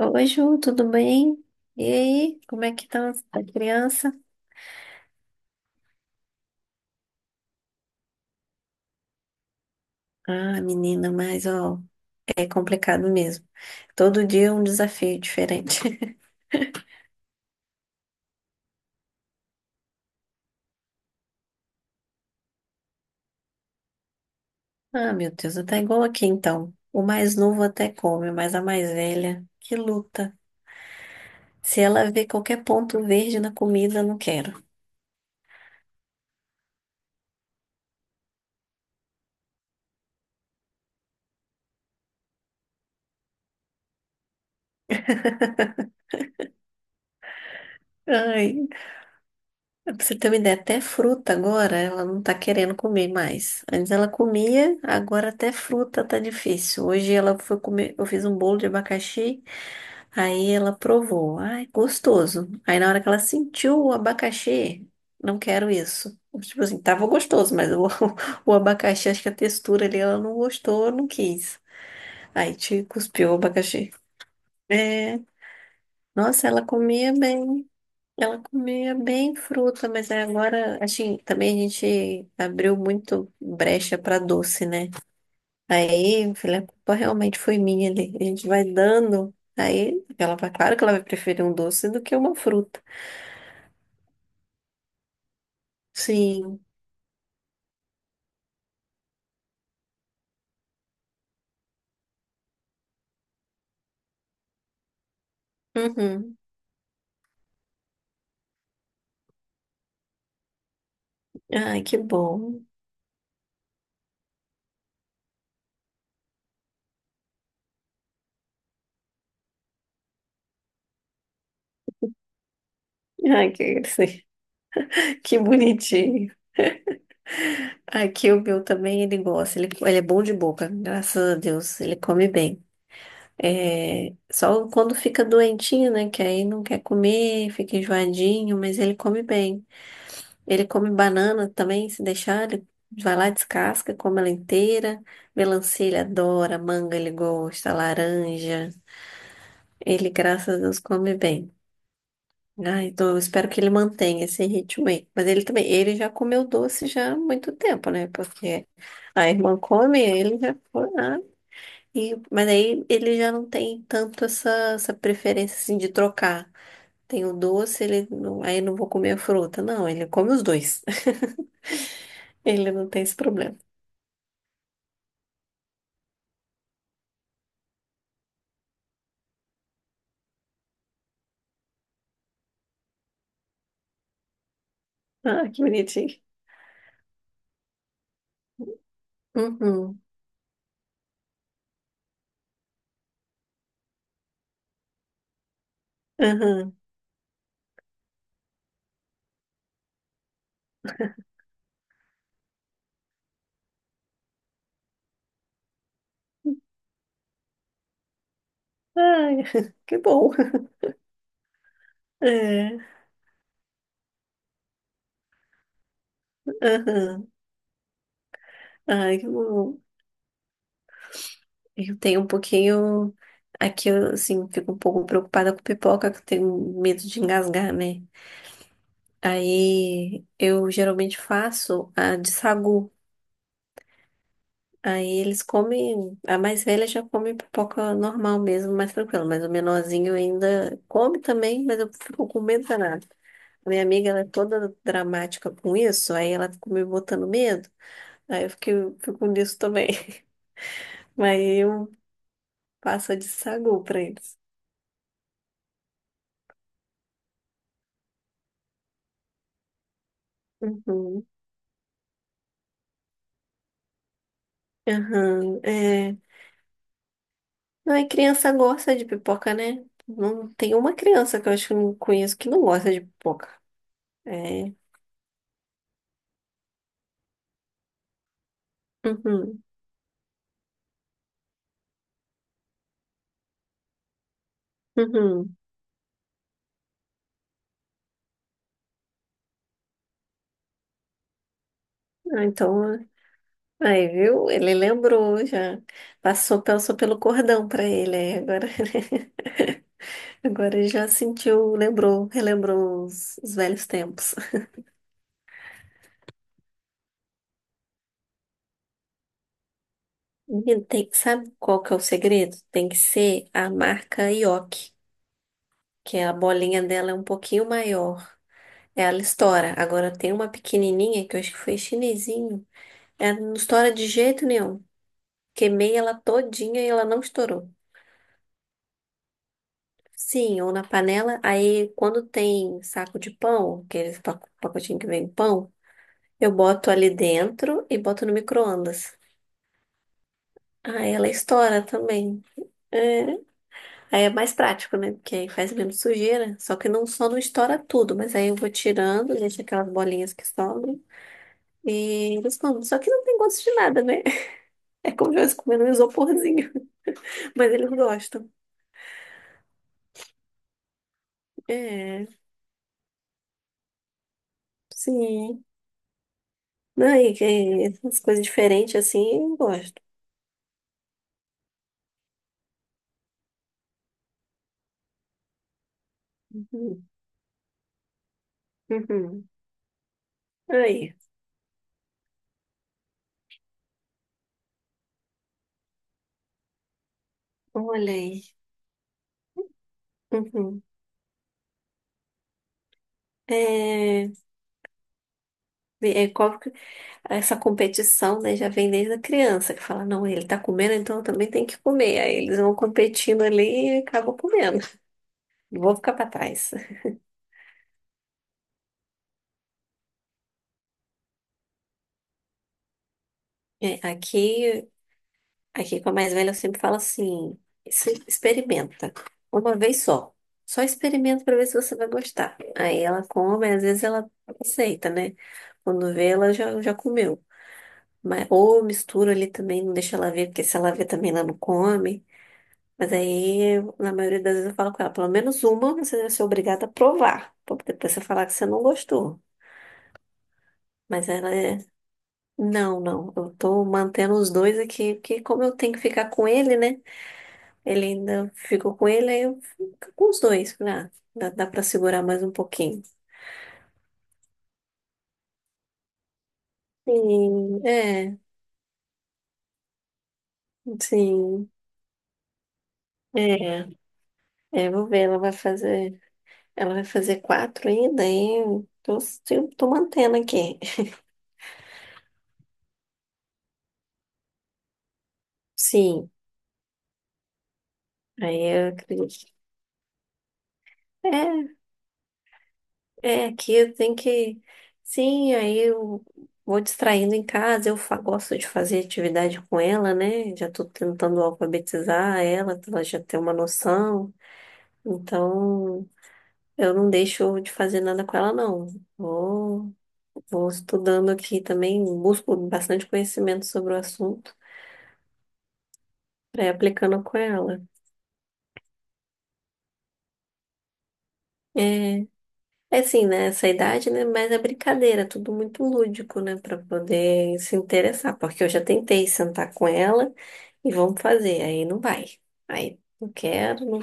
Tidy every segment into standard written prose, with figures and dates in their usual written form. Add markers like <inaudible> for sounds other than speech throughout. Oi, Ju, tudo bem? E aí, como é que tá a criança? Ah, menina, mas ó, é complicado mesmo. Todo dia é um desafio diferente. <laughs> Ah, meu Deus, tá igual aqui então. O mais novo até come, mas a mais velha, que luta. Se ela vê qualquer ponto verde na comida, não quero. Ai, pra você ter uma ideia, até fruta agora ela não tá querendo comer mais. Antes ela comia, agora até fruta tá difícil. Hoje ela foi comer, eu fiz um bolo de abacaxi, aí ela provou. Ai, gostoso. Aí na hora que ela sentiu o abacaxi, não quero isso. Tipo assim, tava gostoso, <laughs> o abacaxi, acho que a textura ali ela não gostou, não quis. Aí te cuspiu o abacaxi. É, nossa, ela comia bem. Ela comia bem fruta, mas aí agora, assim, também a gente abriu muito brecha para doce, né? Aí, filha, a culpa realmente foi minha ali. A gente vai dando. Aí, ela vai, claro que ela vai preferir um doce do que uma fruta. Sim. Uhum. Ai, que bom. Ai, que, <laughs> que bonitinho. Aqui o meu também, ele gosta. Ele é bom de boca, graças a Deus. Ele come bem. É, só quando fica doentinho, né? Que aí não quer comer, fica enjoadinho, mas ele come bem. Ele come banana também, se deixar, ele vai lá, descasca, come ela inteira. Melancia ele adora, manga ele gosta, laranja. Ele, graças a Deus, come bem. Ai, então eu espero que ele mantenha esse ritmo aí. Mas ele também, ele já comeu doce já há muito tempo, né? Porque a irmã come, ele já foi. Ah, mas aí ele já não tem tanto essa preferência assim de trocar. Tem o doce, ele não, aí não vou comer a fruta. Não, ele come os dois. <laughs> Ele não tem esse problema. Ah, que bonitinho. Uhum, uhum. Ai, <laughs> que bom. É, uhum. Ai, que bom. Eu tenho um pouquinho. Aqui eu, assim, fico um pouco preocupada com pipoca, que eu tenho medo de engasgar, né? Aí eu geralmente faço a de sagu. Aí eles comem, a mais velha já come pipoca normal mesmo, mais tranquila, mas o menorzinho ainda come também, mas eu fico com medo danado. A minha amiga, ela é toda dramática com isso, aí ela fica me botando medo, aí eu fico fico nisso também. <laughs> Mas eu passo de sagu pra eles. Uhum. Aham, é. Não, e criança gosta de pipoca, né? Não tem uma criança que eu acho que eu não conheço que não gosta de pipoca. É. Uhum. Uhum. Ah, então. Aí, viu? Ele lembrou já. Passou, passou pelo cordão pra ele, aí agora, <laughs> agora ele já sentiu, lembrou, relembrou os velhos tempos. Menino, tem- sabe qual que é o segredo? Tem que ser a marca Yoki, que a bolinha dela é um pouquinho maior. Ela estoura. Agora tem uma pequenininha que eu acho que foi chinesinho. Ela não estoura de jeito nenhum. Queimei ela todinha e ela não estourou. Sim, ou na panela. Aí, quando tem saco de pão, aqueles pacotinho que vem pão, eu boto ali dentro e boto no micro-ondas. Aí ela estoura também. É. Aí é mais prático, né? Porque aí faz menos sujeira. Só que não estoura tudo, mas aí eu vou tirando, deixo aquelas bolinhas que sobram e eles comem. Só que não tem gosto de nada, né? <laughs> É como se eu estivesse comendo um isoporzinho. <laughs> Mas eles gostam. É, sim. Não, e que- as coisas diferentes assim, eu gosto. Uhum. Uhum. Aí, olha aí. Uhum. É, é qual que- essa competição, né, já vem desde a criança, que fala, não, ele tá comendo, então eu também tenho que comer. Aí eles vão competindo ali e acabam comendo. Não vou ficar pra trás. É, aqui com a mais velha, eu sempre falo assim: "Se- experimenta, uma vez só. Só experimenta pra ver se você vai gostar." Aí ela come, às vezes ela aceita, né? Quando vê, ela já comeu. Mas, ou misturo ali também, não deixa ela ver, porque se ela ver também ela não come. Mas aí, na maioria das vezes, eu falo com ela, pelo menos uma você deve ser obrigada a provar, pra depois você falar que você não gostou. Mas ela é, não, não, eu tô mantendo os dois aqui, porque como eu tenho que ficar com ele, né? Ele ainda ficou com ele, aí eu fico com os dois, né? Dá pra segurar mais um pouquinho. Sim, é, sim, é, é, vou ver, ela vai fazer. Ela vai fazer 4 ainda, eu tô mantendo aqui. Sim, aí eu acredito. É, é, aqui tem que. Sim, aí eu vou distraindo em casa, eu gosto de fazer atividade com ela, né? Já tô tentando alfabetizar ela, pra ela já ter uma noção. Então, eu não deixo de fazer nada com ela, não. Vou, vou estudando aqui também, busco bastante conhecimento sobre o assunto, pra ir aplicando com ela. É. É assim, né? Essa idade, né? Mas é brincadeira, tudo muito lúdico, né? Pra poder se interessar. Porque eu já tentei sentar com ela e vamos fazer. Aí não vai. Aí não quero. Não...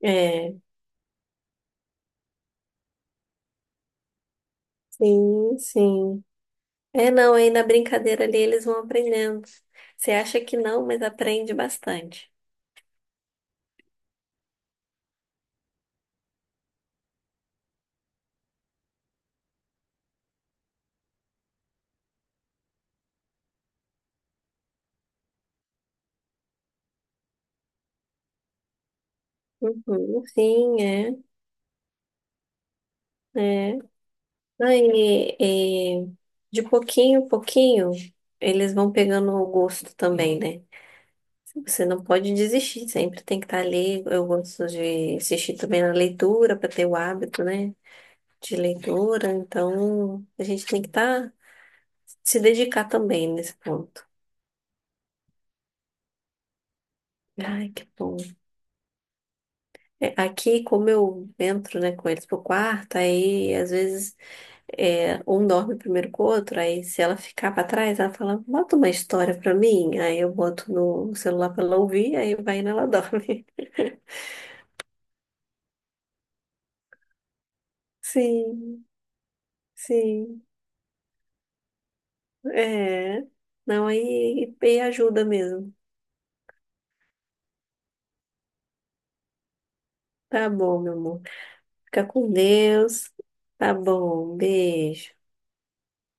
É, sim, sim. É, não, aí na brincadeira ali eles vão aprendendo. Você acha que não, mas aprende bastante. Uhum, sim, é, é. Aí, é, de pouquinho em pouquinho, eles vão pegando o gosto também, né? Você não pode desistir, sempre tem que estar ali. Eu gosto de assistir também na leitura, para ter o hábito, né, de leitura. Então, a gente tem que estar, se dedicar também nesse ponto. Ai, que bom. É, aqui, como eu entro, né, com eles pro quarto, aí às vezes é, um dorme primeiro com o outro, aí se ela ficar para trás, ela fala, bota uma história para mim. Aí eu boto no celular para ela ouvir, aí vai e ela dorme. <laughs> Sim, sim. É, não, aí e ajuda mesmo. Tá bom, meu amor. Fica com Deus. Tá bom, beijo.